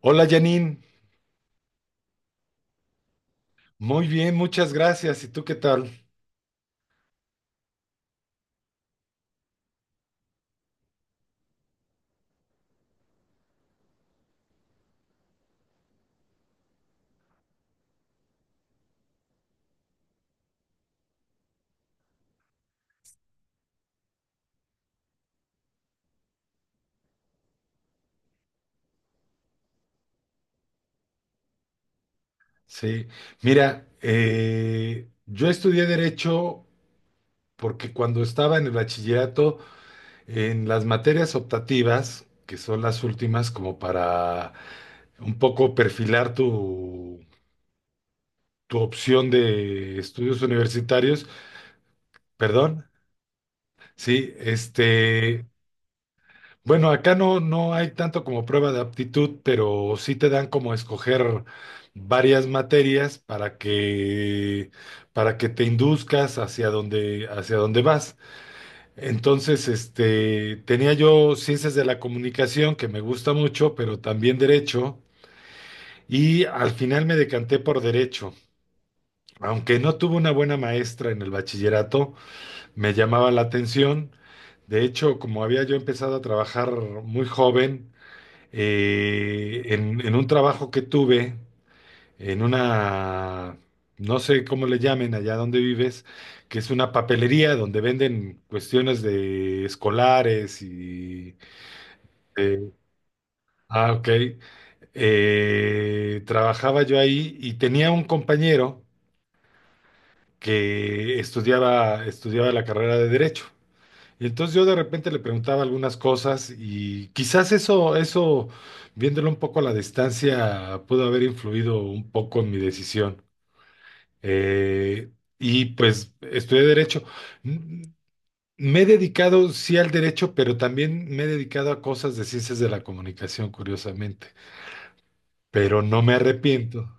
Hola Janine, muy bien, muchas gracias. ¿Y tú qué tal? Sí, mira, yo estudié derecho porque cuando estaba en el bachillerato, en las materias optativas, que son las últimas como para un poco perfilar tu opción de estudios universitarios, perdón, sí, bueno, acá no hay tanto como prueba de aptitud, pero sí te dan como escoger varias materias para que te induzcas hacia donde vas. Entonces, tenía yo ciencias de la comunicación, que me gusta mucho, pero también derecho, y al final me decanté por derecho. Aunque no tuve una buena maestra en el bachillerato, me llamaba la atención. De hecho, como había yo empezado a trabajar muy joven, en un trabajo que tuve, en una, no sé cómo le llamen allá donde vives, que es una papelería donde venden cuestiones de escolares y... eh, ah, ok. Trabajaba yo ahí y tenía un compañero que estudiaba la carrera de Derecho. Y entonces yo de repente le preguntaba algunas cosas y quizás eso, viéndolo un poco a la distancia, pudo haber influido un poco en mi decisión. Eh, y pues estudié derecho. Mm, mm, Me he dedicado sí al derecho, pero también me he dedicado a cosas de ciencias de la comunicación, curiosamente. Pero no me arrepiento.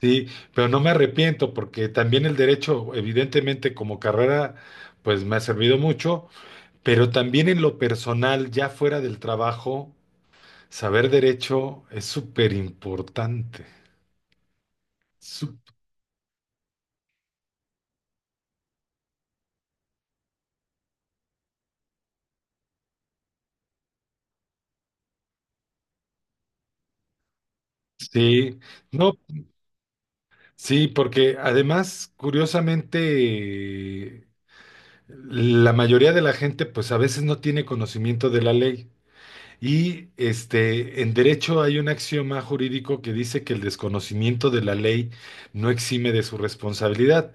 Sí, pero no me arrepiento porque también el derecho, evidentemente como carrera, pues me ha servido mucho, pero también en lo personal, ya fuera del trabajo, saber derecho es súper importante. Sup- Sí, no, sí, porque además, curiosamente, la mayoría de la gente, pues a veces no tiene conocimiento de la ley. Y en derecho hay un axioma jurídico que dice que el desconocimiento de la ley no exime de su responsabilidad.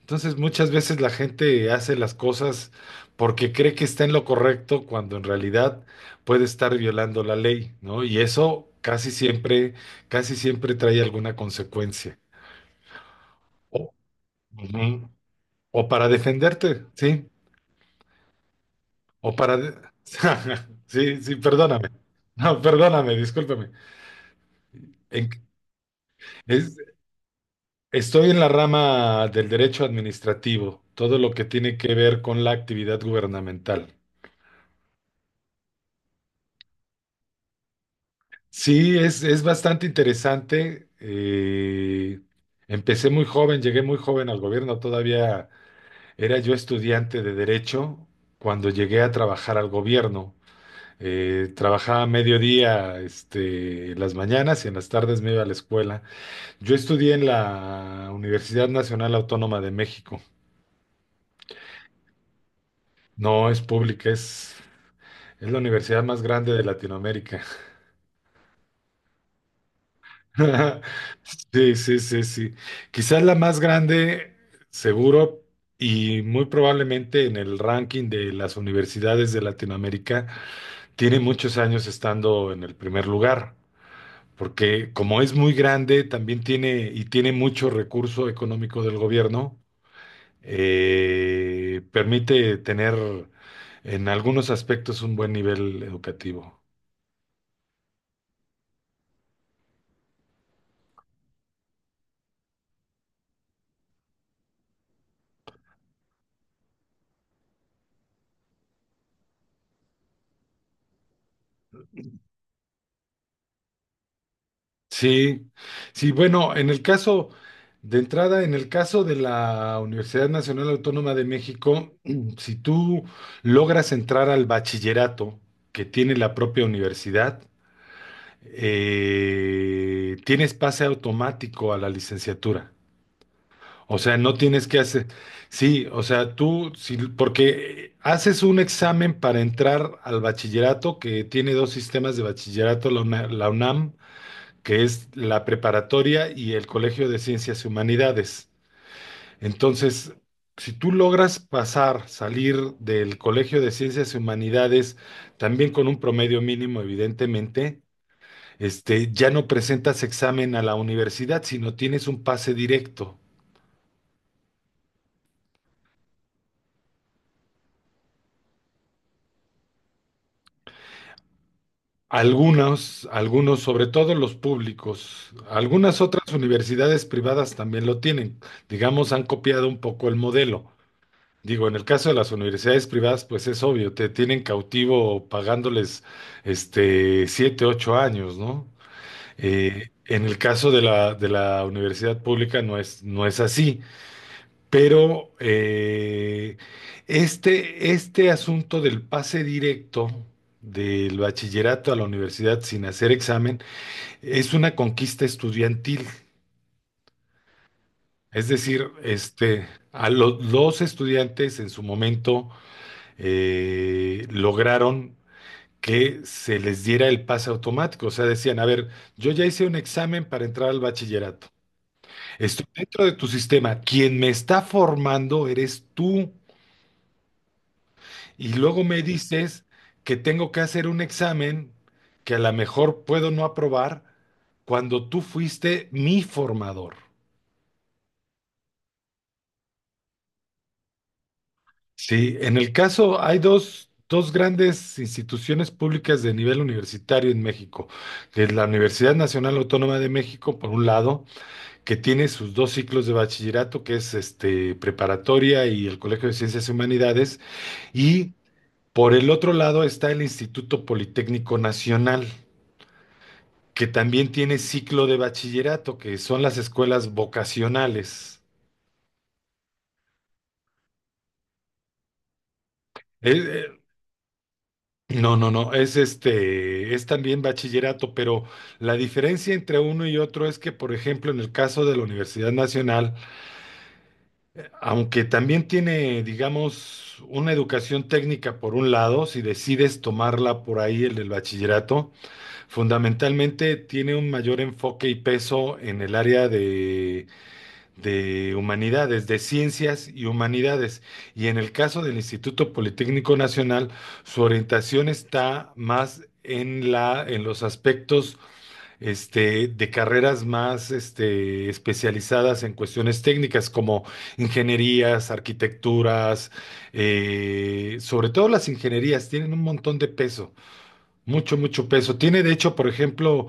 Entonces, muchas veces la gente hace las cosas porque cree que está en lo correcto cuando en realidad puede estar violando la ley, ¿no? Y eso casi siempre trae alguna consecuencia. O, Ujú. O para defenderte, ¿sí? O para... de- Sí, sí, perdóname. No, perdóname, discúlpame. En- es- estoy en la rama del derecho administrativo, todo lo que tiene que ver con la actividad gubernamental. Sí, es bastante interesante. Empecé muy joven, llegué muy joven al gobierno, todavía era yo estudiante de derecho cuando llegué a trabajar al gobierno. Trabajaba a mediodía, en las mañanas y en las tardes me iba a la escuela. Yo estudié en la Universidad Nacional Autónoma de México. No es pública, es la universidad más grande de Latinoamérica. Sí, sí, sí, sí. Quizás la más grande, seguro, y muy probablemente en el ranking de las universidades de Latinoamérica, tiene muchos años estando en el primer lugar, porque como es muy grande, también tiene y tiene mucho recurso económico del gobierno, permite tener en algunos aspectos un buen nivel educativo. Sí, sí, bueno, en el caso de entrada, en el caso de la Universidad Nacional Autónoma de México, si tú logras entrar al bachillerato que tiene la propia universidad, tienes pase automático a la licenciatura. O sea, no tienes que hacer, sí, o sea, tú, sí, porque haces un examen para entrar al bachillerato que tiene dos sistemas de bachillerato, la UNAM, que es la preparatoria y el Colegio de Ciencias y Humanidades. Entonces, si tú logras pasar, salir del Colegio de Ciencias y Humanidades, también con un promedio mínimo, evidentemente, ya no presentas examen a la universidad, sino tienes un pase directo. Algunos, sobre todo los públicos, algunas otras universidades privadas también lo tienen. Digamos, han copiado un poco el modelo. Digo, en el caso de las universidades privadas, pues es obvio, te tienen cautivo pagándoles 7, 8 años, ¿no? En el caso de la universidad pública no es así. Pero este asunto del pase directo del bachillerato a la universidad sin hacer examen es una conquista estudiantil. Es decir, los estudiantes en su momento lograron que se les diera el pase automático. O sea, decían, a ver, yo ya hice un examen para entrar al bachillerato. Estoy dentro de tu sistema. Quien me está formando eres tú. Y luego me dices que tengo que hacer un examen que a lo mejor puedo no aprobar cuando tú fuiste mi formador. Sí, en el caso hay dos grandes instituciones públicas de nivel universitario en México, que es la Universidad Nacional Autónoma de México, por un lado, que tiene sus dos ciclos de bachillerato, que es preparatoria y el Colegio de Ciencias y Humanidades, y por el otro lado está el Instituto Politécnico Nacional, que también tiene ciclo de bachillerato, que son las escuelas vocacionales. Eh, eh, No, no, no, es también bachillerato, pero la diferencia entre uno y otro es que, por ejemplo, en el caso de la Universidad Nacional, aunque también tiene, digamos, una educación técnica por un lado, si decides tomarla por ahí, el del bachillerato, fundamentalmente tiene un mayor enfoque y peso en el área de humanidades, de ciencias y humanidades. Y en el caso del Instituto Politécnico Nacional, su orientación está más en la, en los aspectos de carreras más especializadas en cuestiones técnicas como ingenierías, arquitecturas, sobre todo las ingenierías tienen un montón de peso, mucho, mucho peso. Tiene de hecho, por ejemplo,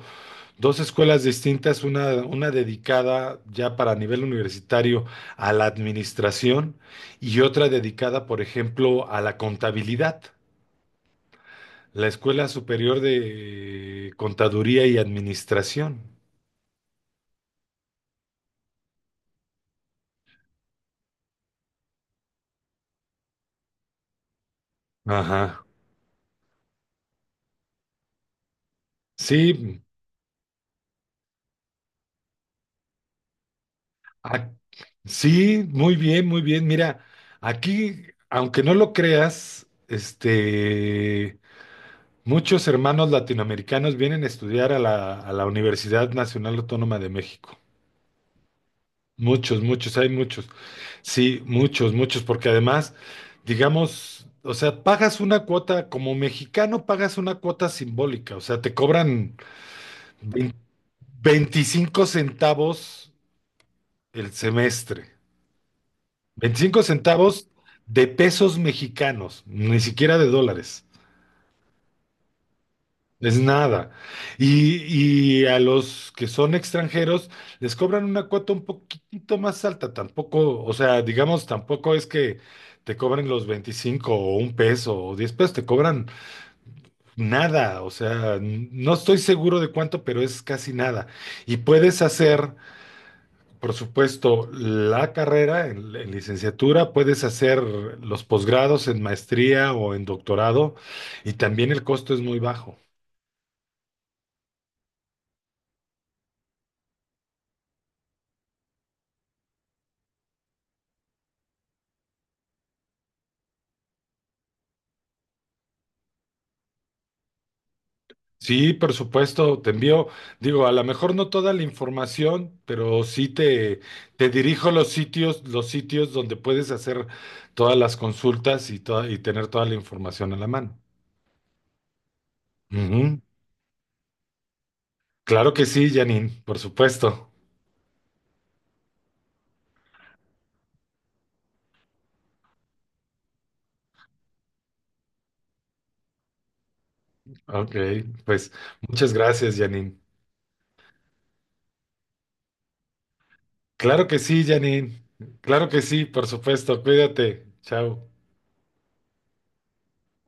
dos escuelas distintas, una dedicada ya para nivel universitario a la administración y otra dedicada, por ejemplo, a la contabilidad, la Escuela Superior de Contaduría y Administración. Ajá. Sí, ac- sí, muy bien, muy bien. Mira, aquí, aunque no lo creas, muchos hermanos latinoamericanos vienen a estudiar a la Universidad Nacional Autónoma de México. Muchos, muchos, hay muchos. Sí, muchos, muchos, porque además, digamos, o sea, pagas una cuota, como mexicano pagas una cuota simbólica, o sea, te cobran vein- 25 centavos el semestre, 25 centavos de pesos mexicanos, ni siquiera de dólares. Es nada. Y, y a los que son extranjeros les cobran una cuota un poquitito más alta. Tampoco, o sea, digamos, tampoco es que te cobren los 25 o 1 peso o 10 pesos, te cobran nada. O sea, no estoy seguro de cuánto, pero es casi nada. Y puedes hacer, por supuesto, la carrera en licenciatura, puedes hacer los posgrados en maestría o en doctorado y también el costo es muy bajo. Sí, por supuesto, te envío, digo, a lo mejor no toda la información, pero sí te dirijo los sitios donde puedes hacer todas las consultas y tener toda la información a la mano. Ujú. Claro que sí, Janine, por supuesto. Ok, pues muchas gracias, Janine. Claro que sí, Janine. Claro que sí, por supuesto. Cuídate. Chao.